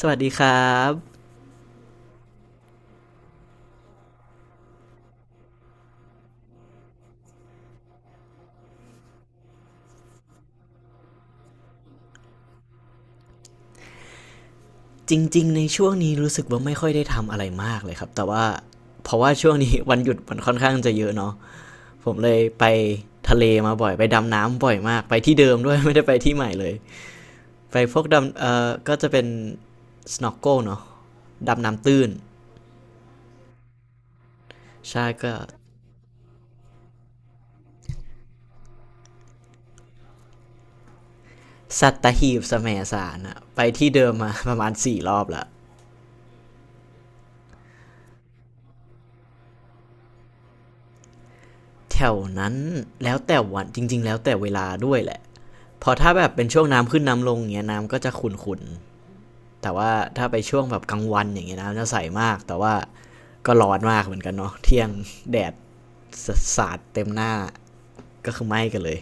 สวัสดีครับจริงๆในช่วงนี้รู้สึกว่าไม่ค่อยได้ทำอะไรมากเลยครับแต่ว่าเพราะว่าช่วงนี้วันหยุดมันค่อนข้างจะเยอะเนาะผมเลยไปทะเลมาบ่อยไปดำน้ำบ่อยมากไปที่เดิมด้วย ไม่ได้ไปที่ใหม่เลยไปพวกดำก็จะเป็น snorkel เนาะดำน้ำตื้นใช่ก็สัตหีบแสมสารอะไปที่เดิมมา ประมาณ4 รอบละแถวนั้นแล้วแต่วันจริงๆแล้วแต่เวลาด้วยแหละพอถ้าแบบเป็นช่วงน้ำขึ้นน้ำลงเงี้ยน้ำก็จะขุ่นๆ แต่ว่าถ้าไปช่วงแบบกลางวันอย่างเงี้ยนะจะใสมากแต่ว่าก็ร้อนมากเหมือนกันเนาะเที่ยงแดดสาดเต็มหน้าก็คือไหม้กันเลย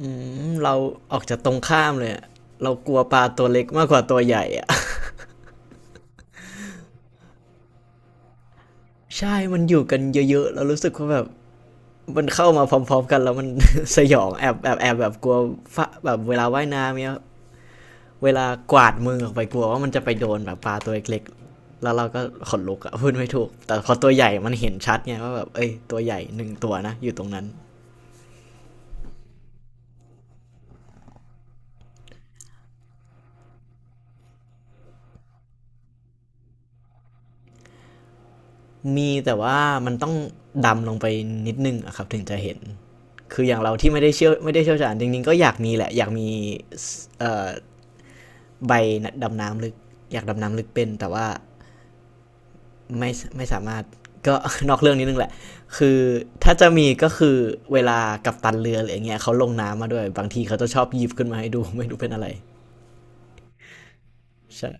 อืมเราออกจากตรงข้ามเลยะเรากลัวปลาตัวเล็กมากกว่าตัวใหญ่อะใช่มันอยู่กันเยอะๆเรารู้สึกว่าแบบมันเข้ามาพร้อมๆกันแล้วมัน สยองแอบแบบกลัวฟแบบเวลาว่ายน้ำเนี่ย เวลากวาดมือออกไปกลัวว่ามันจะไปโดนแบบปลาตัวเล็กๆแล้วเราก็ขนลุกอะพูดไม่ถูกแต่พอตัวใหญ่มันเห็นชัดไงว่าแบบเอ้ยตัวใหญ่หนึ่งตัวนะอยู่ตรงนั้นมีแต่ว่ามันต้องดำลงไปนิดนึงอะครับถึงจะเห็นคืออย่างเราที่ไม่ได้เชี่ยวไม่ได้เชี่ยวชาญจริงๆก็อยากมีแหละอยากมีใบดำน้ำลึกอยากดำน้ำลึกเป็นแต่ว่า ไม่ไม่สามารถก็ นอกเรื่องนิดนึงแหละคือถ้าจะมีก็คือเวลากับตันเรืออะไรอย่างเงี้ยเขาลงน้ำมาด้วยบางทีเขาจะชอบหยิบขึ้นมาให้ดู ไม่รู้เป็นอะไรใช่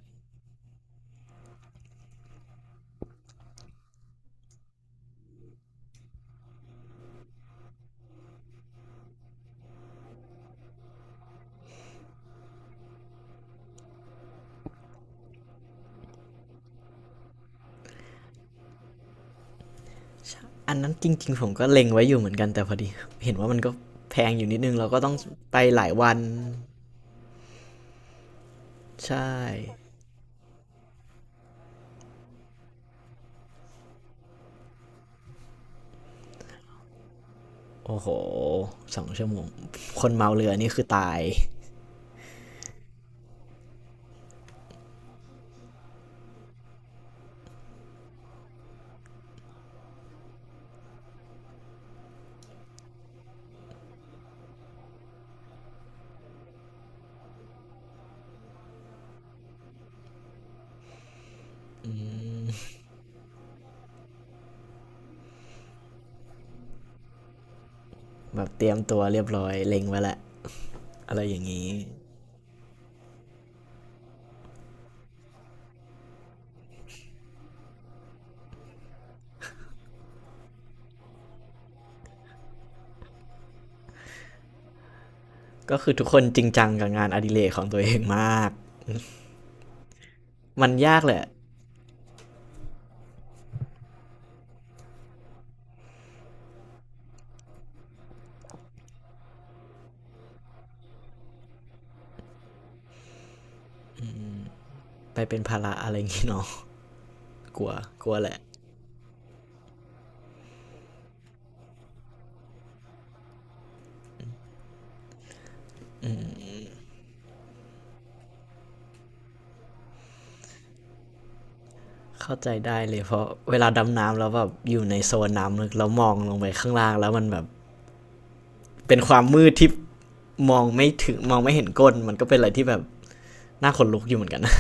อันนั้นจริงๆผมก็เล็งไว้อยู่เหมือนกันแต่พอดีเห็นว่ามันก็แพงอยู่นิดนึงเราก็ต้องไปหลายวันใช่โอ้โห2 ชั่วโมงคนเมาเรือนี่คือตายแบบเตรียมตัวเรียบร้อยเล็งไว้แหละอะไรอย่างนี้ก็คือทุกคนจริงจังกับงานอดิเรกของตัวเองมากมันยากแหละ ไปเป็นภาระอะไรอย่างงี้เนาะ กลัวกลัวแหละเข้าใจได้เลยเพราะเวลาดำน้ำแล้วแบบอยู่ในโซนน้ำลึกแล้วมองลงไปข้างล่างแล้วมันแบบเป็นความมืดที่มองไม่ถึงมองไม่เห็นก้นมันก็เป็นอะไรที่แบบน่าขนลุกอยู่เหมือนกันนะ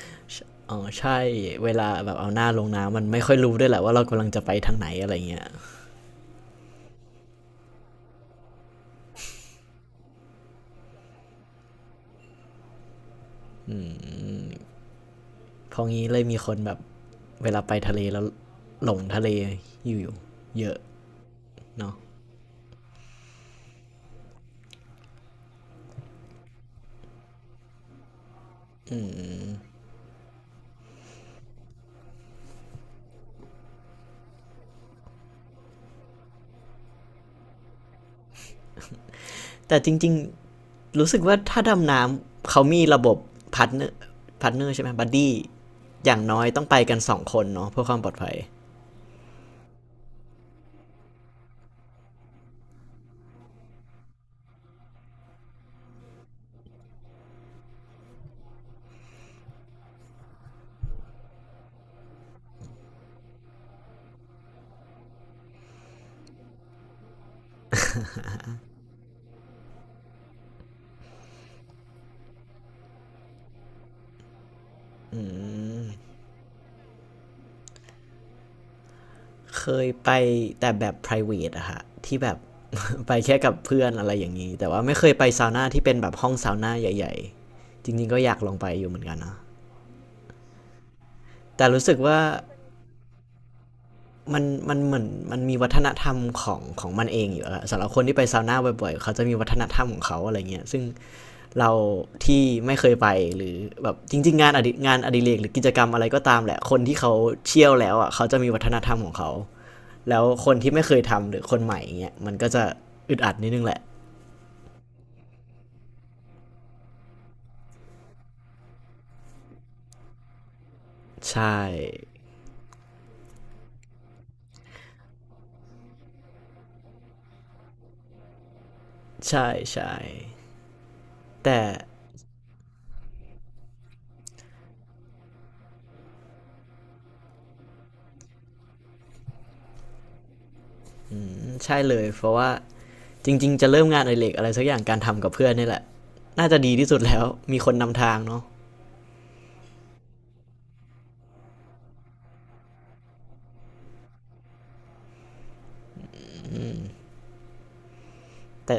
อ๋อใช่เวลาแบบเอาหน้าลงน้ำมันไม่ค่อยรู้ด้วยแหละว่าเรากำลังจะไปทางไหนอะไรเงี้ยเพองี้เลยมีคนแบบเวลาไปทะเลแล้วหลงทะเลอยู่เยอะเนาะแต่จริง รู้สึกว่าถ้าดำน้ำเขามีระบบพาร์ทเนอร์พาร์ทเนอร์ใช่ไหมบัดดี้อย่างน้อยต้องไปกันสองคนเนาะเพื่อความปลอดภัยอืมเคยไปแต่แบบ private อะฮะที่แบบ ไปแค่กับเพื่อนอะไรอย่างนี้แต่ว่าไม่เคยไปซาวน่าที่เป็นแบบห้องซาวน่าใหญ่ๆจริงๆก็อยากลองไปอยู่เหมือนกันนะแต่รู้สึกว่ามันมันเหมือนมันมีวัฒนธรรมของมันเองอยู่อะสำหรับคนที่ไปซาวน่าบ่อยๆเขาจะมีวัฒนธรรมของเขาอะไรเงี้ยซึ่ง เราที่ไม่เคยไปหรือแบบจริงๆงานอดิเรกหรือกิจกรรมอะไรก็ตามแหละคนที่เขาเชี่ยวแล้วอ่ะเขาจะมีวัฒนธรรมของเขาแล้วคนที่ไม่เคยทำหรือคนใหม่องเงี้ยมันก็จะอึดอัดนิดนึงแหละใช่ใช่ใช่แต่ใช่เลยเพราะว่าจริงๆจะเริ่มงานอดิเรกอะไรสักอย่างการทำกับเพื่อนนี่แหละน่าจะดีที่สุดแล้วมีคนนำทางเนาะแต่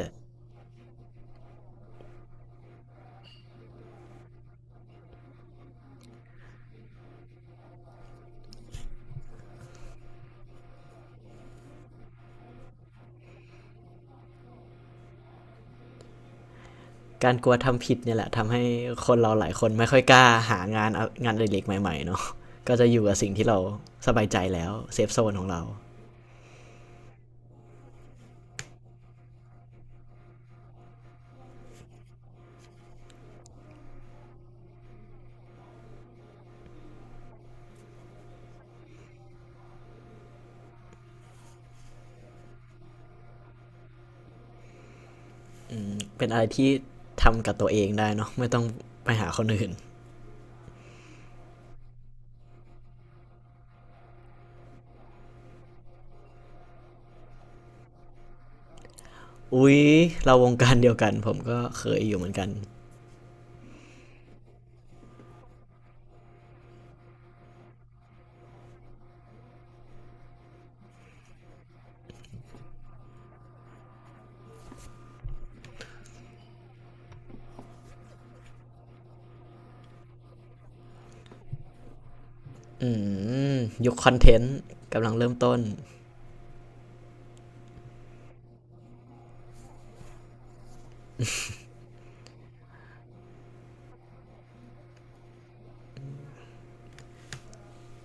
การกลัวทำผิดเนี่ยแหละทำให้คนเราหลายคนไม่ค่อยกล้าหางานองานอดิเล็กใหม่ๆเนาะก็จะอยู่กับสิ่งที่เราสบายใจแล้วเซฟโซนของเราเป็นอะไรที่ทำกับตัวเองได้เนาะไม่ต้องไปหาคนอื่นอุ๊ยเราวงการเดียวกันผมก็เคยอยู่เหมือนกันอืมยุคคอนเทนต์กำลังเริ่มต้น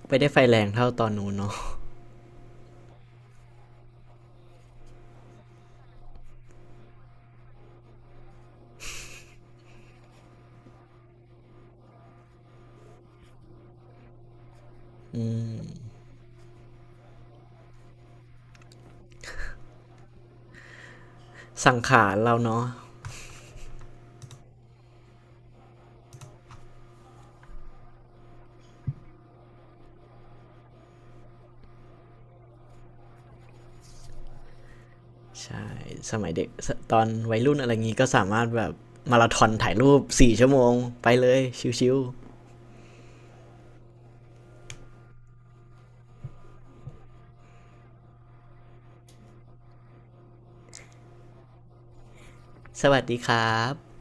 ไม่ได้ไฟแรงเท่าตอนนู้นเนาะสังขารเราเนาะใช่สมัยเด็กตอนวัยรุ่นอะไรงี้ก็สามารถแบบมาราธอนถ่ายรูป4 ชั่วโมงไปเลยชิวๆ สวัสดีครับ